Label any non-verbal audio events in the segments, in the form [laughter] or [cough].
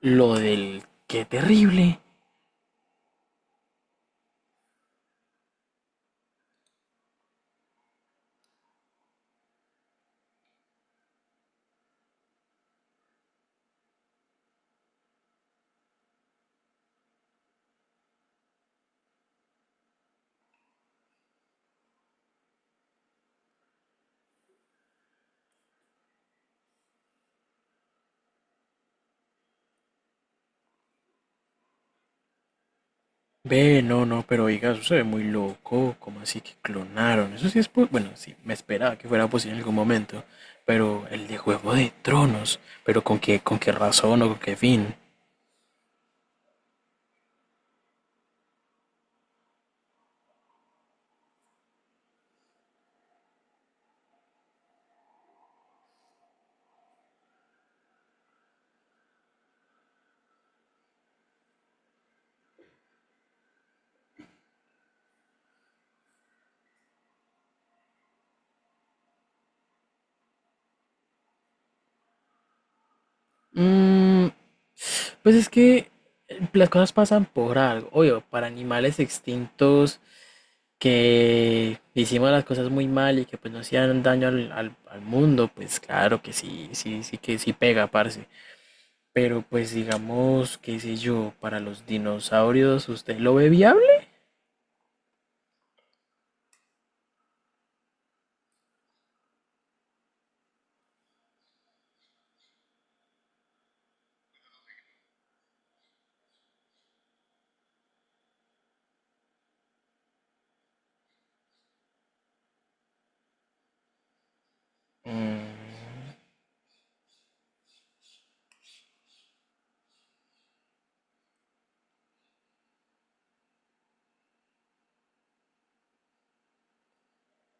Lo del qué terrible. Ve, no, no, pero oiga, eso se ve muy loco. ¿Cómo así que clonaron? Eso sí es. Po- Bueno, sí, me esperaba que fuera posible en algún momento. Pero el de Juego de Tronos. ¿Pero con qué razón o con qué fin? Mm, pues es que las cosas pasan por algo. Obvio, para animales extintos que hicimos las cosas muy mal y que pues no hacían daño al mundo, pues claro que sí, sí, sí que sí pega, parce. Pero pues digamos, qué sé yo, para los dinosaurios, ¿usted lo ve viable? Mm,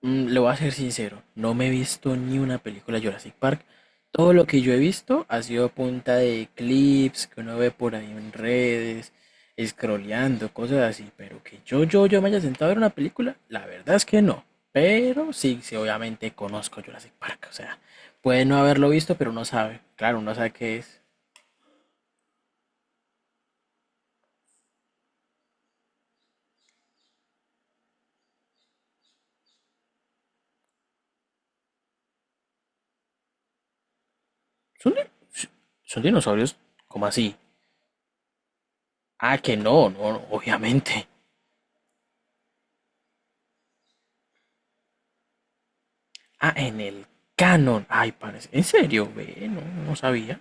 mm, le voy a ser sincero, no me he visto ni una película de Jurassic Park. Todo lo que yo he visto ha sido a punta de clips que uno ve por ahí en redes, scrolleando, cosas así. Pero que yo me haya sentado a ver una película, la verdad es que no. Pero sí, sí, obviamente conozco Jurassic Park. O sea, puede no haberlo visto, pero uno sabe. Claro, uno sabe qué es. ¿Son, di- si, ¿son dinosaurios? ¿Cómo así? Ah, que no, no, no, obviamente. Ah, en el canon. Ay, parece. ¿En serio? Ve, no, no sabía.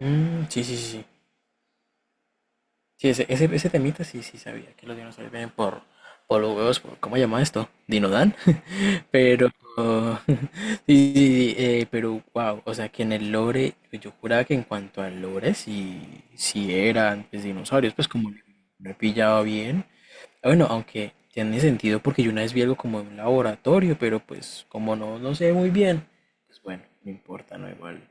Mm, sí, sí, sí. Sí, sí, ese, ese temita sí, sí sabía. Que los dinosaurios vienen por los huevos, por, ¿cómo se llama esto? ¿Dinodan? [laughs] Pero. [laughs] Sí, sí, sí, pero wow. O sea, que en el lore. Yo juraba que en cuanto al lore, sí, sí eran pues, dinosaurios. Pues como no he pillado bien. Bueno, aunque tiene sentido porque yo una vez vi algo como en un laboratorio, pero pues como no, no sé muy bien, pues bueno, no importa, no igual.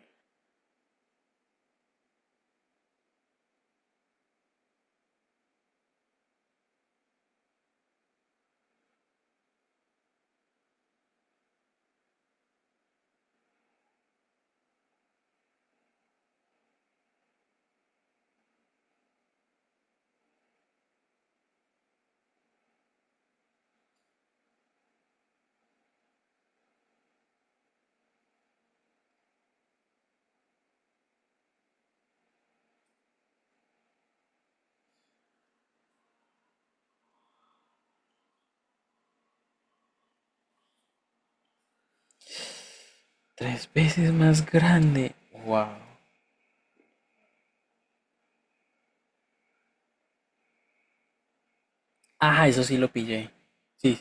Tres veces más grande. Wow. Ah, eso sí lo pillé. Sí,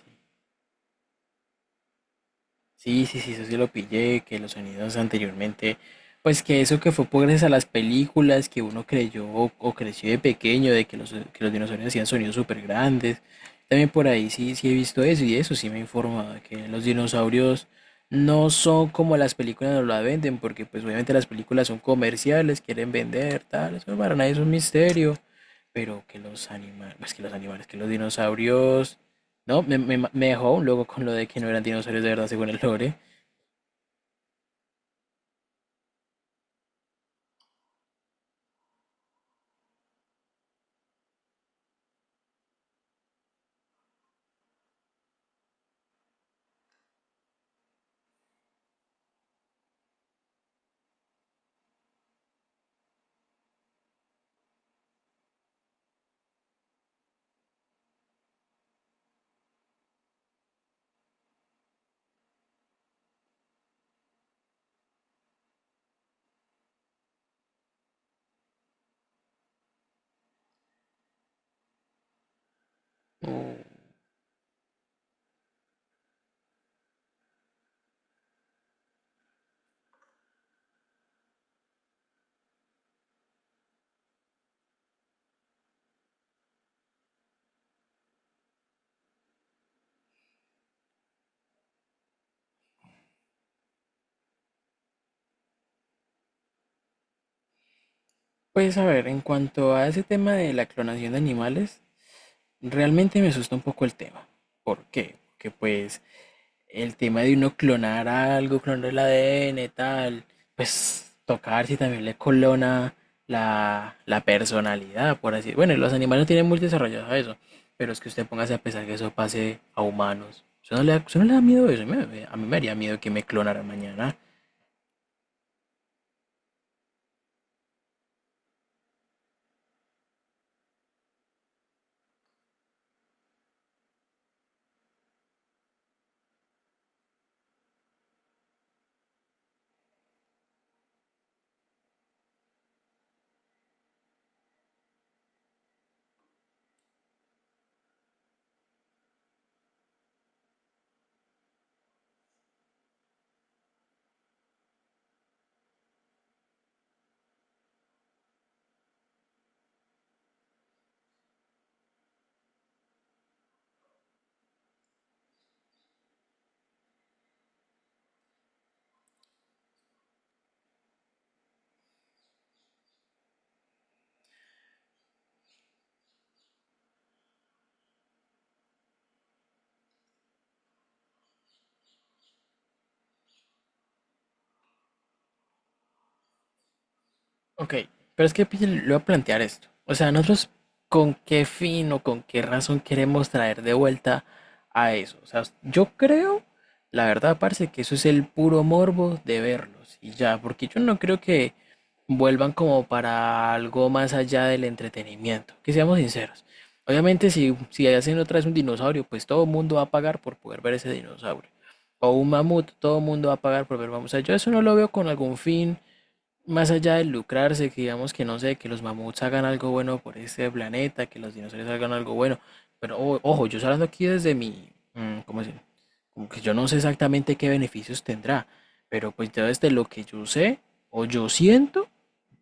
sí, sí, sí, eso sí lo pillé, que los sonidos anteriormente, pues que eso que fue por gracias a las películas que uno creyó o creció de pequeño, de que los dinosaurios hacían sonidos súper grandes. También por ahí sí, sí he visto eso y eso sí me he informado, de que los dinosaurios no son como las películas nos la venden, porque pues obviamente las películas son comerciales, quieren vender, tal, eso para nadie es un misterio, pero que los animales, pues que los animales, que los dinosaurios no, me dejó un loco con lo de que no eran dinosaurios de verdad, según el lore. Pues a ver, en cuanto a ese tema de la clonación de animales, realmente me asusta un poco el tema. ¿Por qué? Porque pues el tema de uno clonar algo, clonar el ADN, tal, pues tocar si también le clona la, la personalidad, por así Bueno, los animales no tienen muy desarrollado eso, pero es que usted póngase a pensar que eso pase a humanos. Eso no le da, eso no le da miedo eso, a mí me haría miedo que me clonaran mañana. Ok, pero es que pille, le voy a plantear esto. O sea, nosotros con qué fin o con qué razón queremos traer de vuelta a eso. O sea, yo creo, la verdad, parce, que eso es el puro morbo de verlos y ya, porque yo no creo que vuelvan como para algo más allá del entretenimiento. Que seamos sinceros. Obviamente, si, si hacen otra vez un dinosaurio, pues todo el mundo va a pagar por poder ver ese dinosaurio. O un mamut, todo el mundo va a pagar por ver mamut. O sea, yo eso no lo veo con algún fin más allá de lucrarse, que digamos que no sé, que los mamuts hagan algo bueno por este planeta, que los dinosaurios hagan algo bueno. Pero ojo, yo estoy hablando aquí desde mi, ¿cómo decir? Como que yo no sé exactamente qué beneficios tendrá, pero pues yo desde lo que yo sé o yo siento,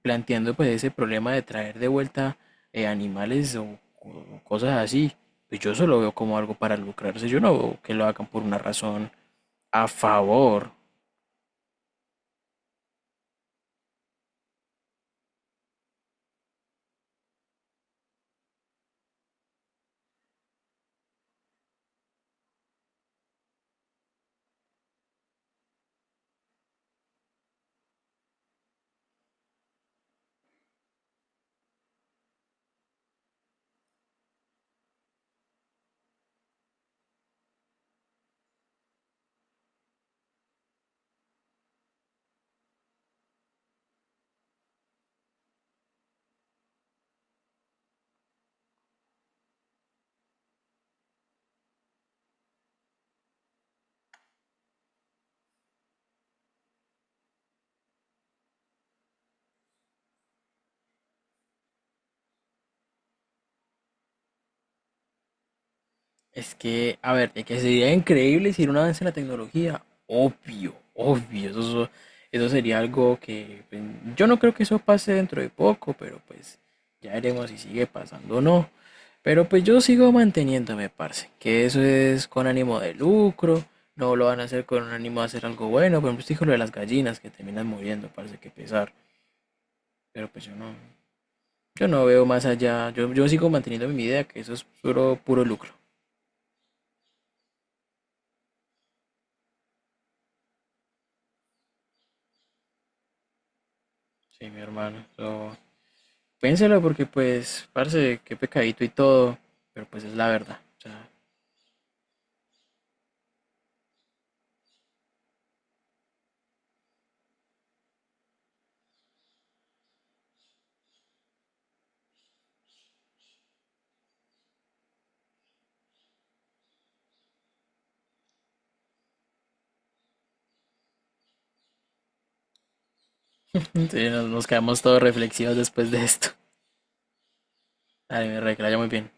planteando pues ese problema de traer de vuelta animales o cosas así, pues yo eso lo veo como algo para lucrarse, yo no veo que lo hagan por una razón a favor. Es que, a ver, de que sería increíble si era un avance en la tecnología, obvio, obvio, eso, eso sería algo que pues, yo no creo que eso pase dentro de poco, pero pues ya veremos si sigue pasando o no. Pero pues yo sigo manteniéndome, parce, que eso es con ánimo de lucro, no lo van a hacer con ánimo de hacer algo bueno, por ejemplo, usted dijo lo de las gallinas que terminan muriendo, parece que pesar, pero pues yo no, yo no veo más allá, yo sigo manteniendo mi idea que eso es puro, puro lucro. Sí, mi hermano, eso. Piénselo porque pues, parce, qué pecadito y todo, pero pues es la verdad. O sea, [laughs] sí, nos, nos quedamos todos reflexivos después de esto. Ay, mi rey que la haya muy bien.